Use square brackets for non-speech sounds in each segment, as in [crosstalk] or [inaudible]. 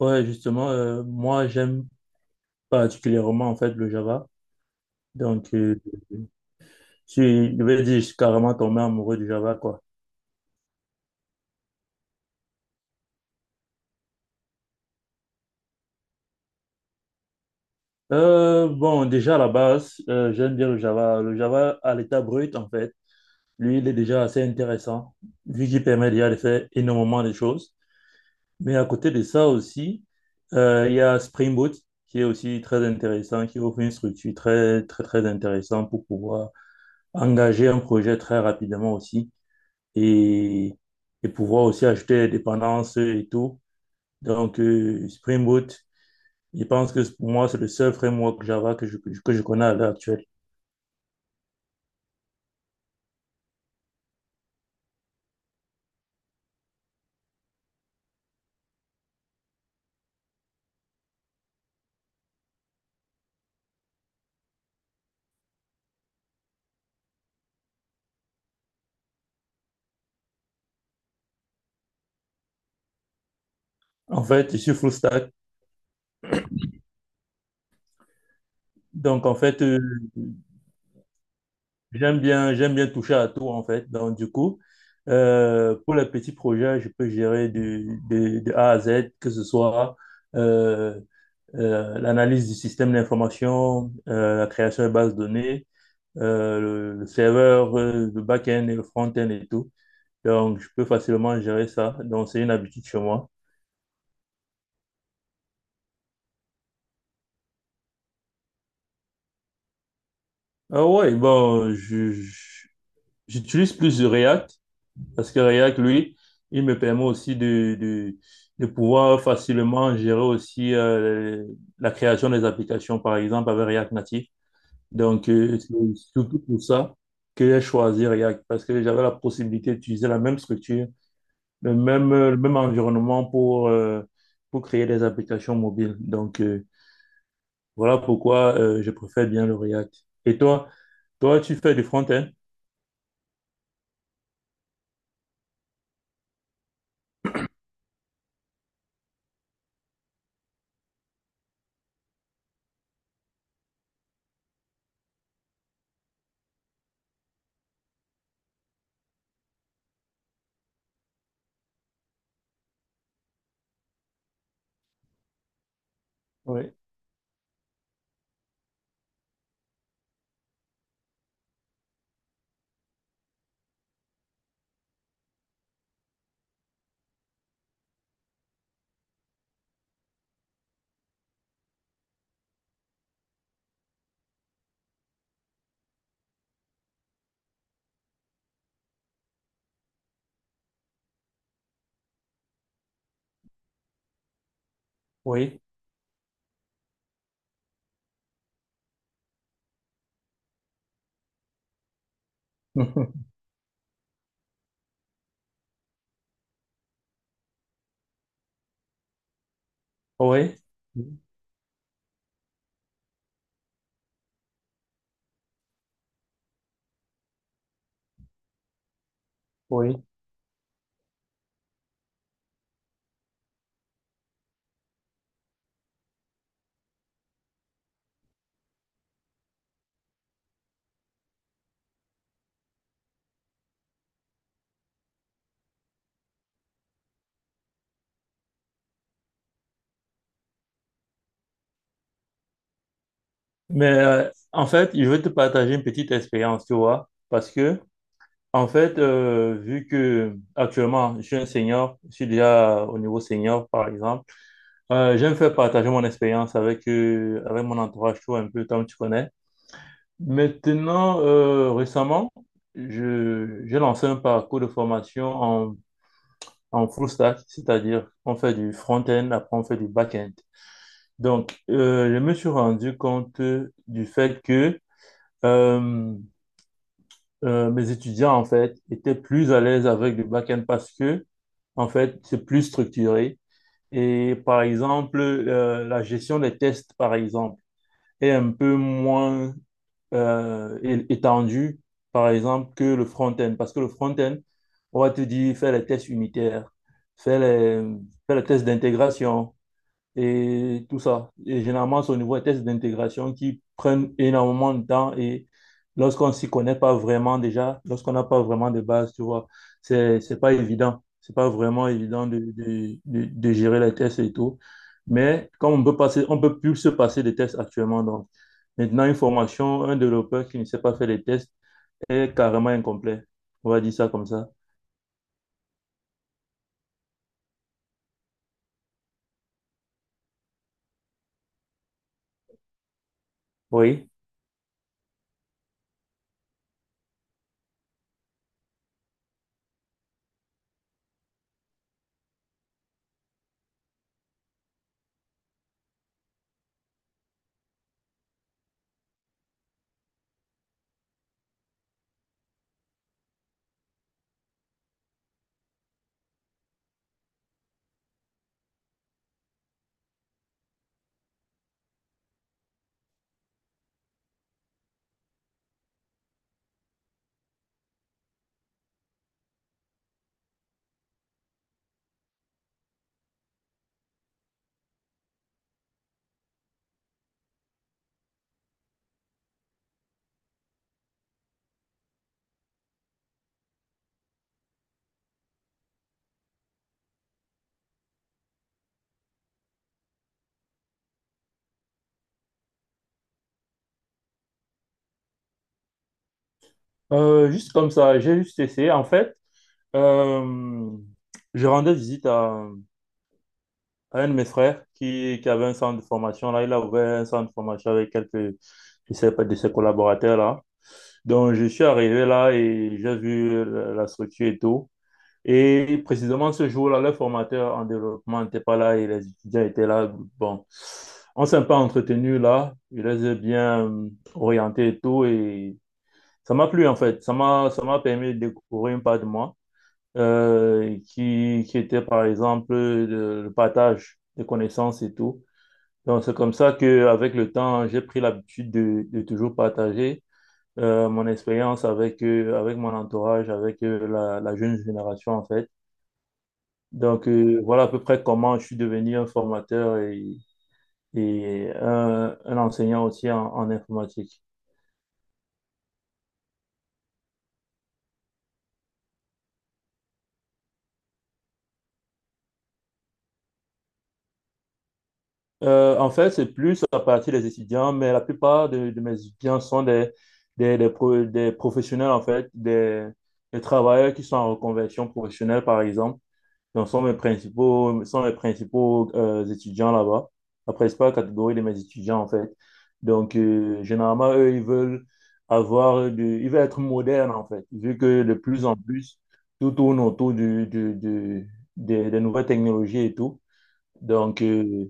Ouais, justement, moi, j'aime particulièrement, en fait, le Java. Donc, euh, je vais dire, je suis carrément tombé amoureux du Java, quoi. Bon, déjà, à la base, j'aime bien le Java. Le Java, à l'état brut, en fait, lui, il est déjà assez intéressant, vu qu'il permet déjà de faire énormément de choses. Mais à côté de ça aussi, il y a Spring Boot, qui est aussi très intéressant, qui offre une structure très, très, très intéressante pour pouvoir engager un projet très rapidement aussi. et, et pouvoir aussi ajouter des dépendances et tout. Donc, Spring Boot, je pense que pour moi, c'est le seul framework Java que je connais à l'heure actuelle. En fait, je suis full stack. Donc, en fait, j'aime bien toucher à tout, en fait. Donc, du coup, pour les petits projets, je peux gérer de A à Z, que ce soit euh, l'analyse du système d'information, la création de bases de données, le serveur, le back-end et le front-end et tout. Donc, je peux facilement gérer ça. Donc, c'est une habitude chez moi. Ah ouais, bon, j'utilise plus de React parce que React, lui, il me permet aussi de pouvoir facilement gérer aussi la création des applications, par exemple, avec React Native. Donc, c'est surtout pour ça que j'ai choisi React parce que j'avais la possibilité d'utiliser la même structure le même environnement pour créer des applications mobiles. Donc, voilà pourquoi je préfère bien le React. Et toi, toi, tu fais du front-end? Oui, oui, [laughs] oui, oui. Mais en fait, je vais te partager une petite expérience, tu vois, parce que, en fait, vu que actuellement, je suis un senior, je suis déjà au niveau senior, par exemple, j'aime faire partager mon expérience avec, avec mon entourage, tu vois, un peu, comme tu connais. Maintenant, récemment, j'ai lancé un parcours de formation en, en full stack, c'est-à-dire on fait du front-end, après on fait du back-end. Donc, je me suis rendu compte du fait que euh, mes étudiants, en fait, étaient plus à l'aise avec le back-end parce que, en fait, c'est plus structuré. Et par exemple, la gestion des tests, par exemple, est un peu moins étendue, par exemple, que le front-end. Parce que le front-end, on va te dire, fais les tests unitaires, fais les, fais les tests d'intégration, et tout ça. Et généralement, c'est au niveau des tests d'intégration qui prennent énormément de temps et lorsqu'on ne s'y connaît pas vraiment déjà, lorsqu'on n'a pas vraiment de base, tu vois, c'est pas évident. C'est pas vraiment évident de gérer les tests et tout. Mais comme on peut passer, on peut plus se passer des tests actuellement. Donc, maintenant, une formation, un développeur qui ne sait pas faire les tests est carrément incomplet. On va dire ça comme ça. Oui. Juste comme ça, j'ai juste essayé. En fait, Euh, je rendais visite à un de mes frères qui avait un centre de formation. Là, il a ouvert un centre de formation avec quelques, je sais pas, de ses collaborateurs là. Donc, je suis arrivé là et j'ai vu la structure et tout. Et précisément ce jour-là, le formateur en développement n'était pas là et les étudiants étaient là. Bon, on s'est un peu entretenu là. Je les ai bien orientés et tout. Et ça m'a plu en fait. Ça m'a permis de découvrir une part de moi qui était par exemple le partage de connaissances et tout. Donc c'est comme ça que avec le temps, j'ai pris l'habitude de toujours partager mon expérience avec avec mon entourage, avec la jeune génération en fait. Donc voilà à peu près comment je suis devenu un formateur et un enseignant aussi en en informatique. En fait, c'est plus à partir des étudiants, mais la plupart de mes étudiants sont des, des, des professionnels, en fait, des travailleurs qui sont en reconversion professionnelle, par exemple. Donc, sont mes principaux étudiants là-bas, la principale catégorie de mes étudiants, en fait. Donc, généralement, eux, ils veulent ils veulent être modernes, en fait, vu que de plus en plus, tout tourne autour des nouvelles technologies et tout. Donc,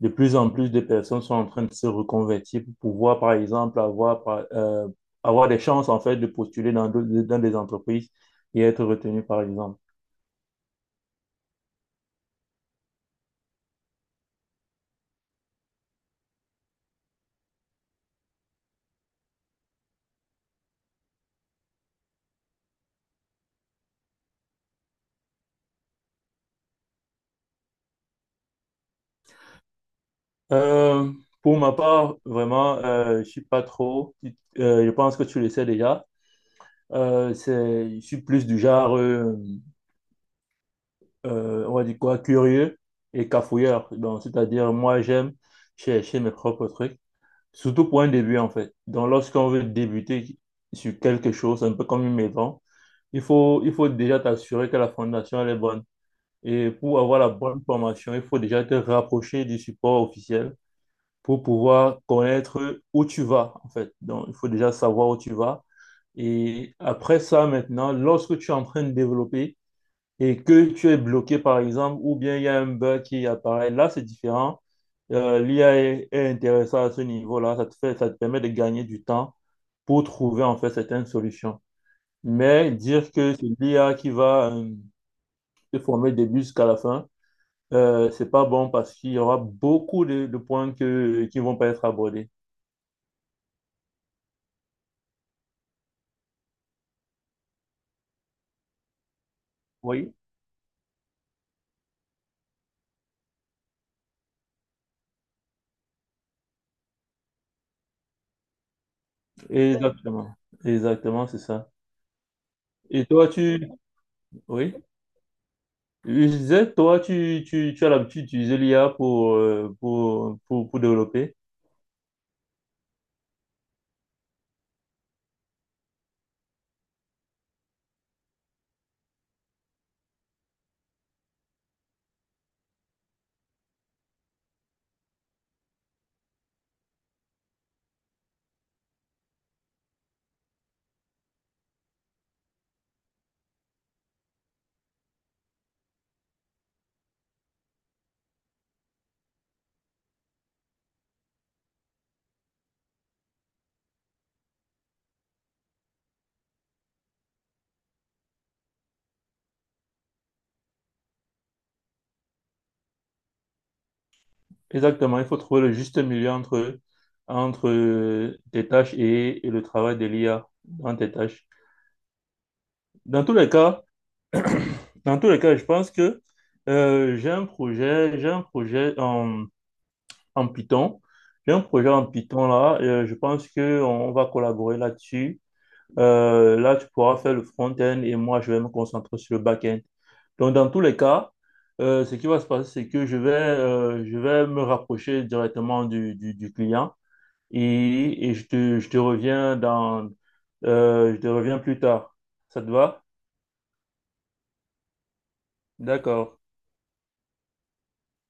de plus en plus de personnes sont en train de se reconvertir pour pouvoir, par exemple, avoir des chances, en fait, de postuler dans des entreprises et être retenu, par exemple. Euh, pour ma part, vraiment, je suis pas trop, je pense que tu le sais déjà. Je suis plus du genre, on va dire quoi, curieux et cafouilleur. Donc, c'est-à-dire, moi, j'aime chercher mes propres trucs. Surtout pour un début, en fait. Donc, lorsqu'on veut débuter sur quelque chose, un peu comme une maison, il faut déjà t'assurer que la fondation, elle est bonne. Et pour avoir la bonne formation, il faut déjà te rapprocher du support officiel pour pouvoir connaître où tu vas, en fait. Donc, il faut déjà savoir où tu vas. Et après ça, maintenant, lorsque tu es en train de développer, et que tu es bloqué, par exemple, ou bien il y a un bug qui apparaît. Là, c'est différent. L'IA est intéressant à ce niveau-là. Ça te permet de gagner du temps pour trouver, en fait, certaines solutions. Mais dire que c'est l'IA qui va te former du début jusqu'à la fin, c'est pas bon parce qu'il y aura beaucoup de points qui vont pas être abordés. Oui, exactement. Exactement, c'est ça. Et toi, tu... Oui. Je disais, toi, tu as l'habitude d'utiliser l'IA pour, pour développer. Exactement, il faut trouver le juste milieu entre, entre tes tâches et le travail de l'IA dans tes tâches. Dans tous les cas, dans tous les cas, je pense que j'ai un projet en, en Python. J'ai un projet en Python là. Je pense qu'on va collaborer là-dessus. Là, tu pourras faire le front-end et moi, je vais me concentrer sur le back-end. Donc, dans tous les cas, ce qui va se passer, c'est que je vais me rapprocher directement du client et je te reviens dans, je te reviens plus tard. Ça te va? D'accord.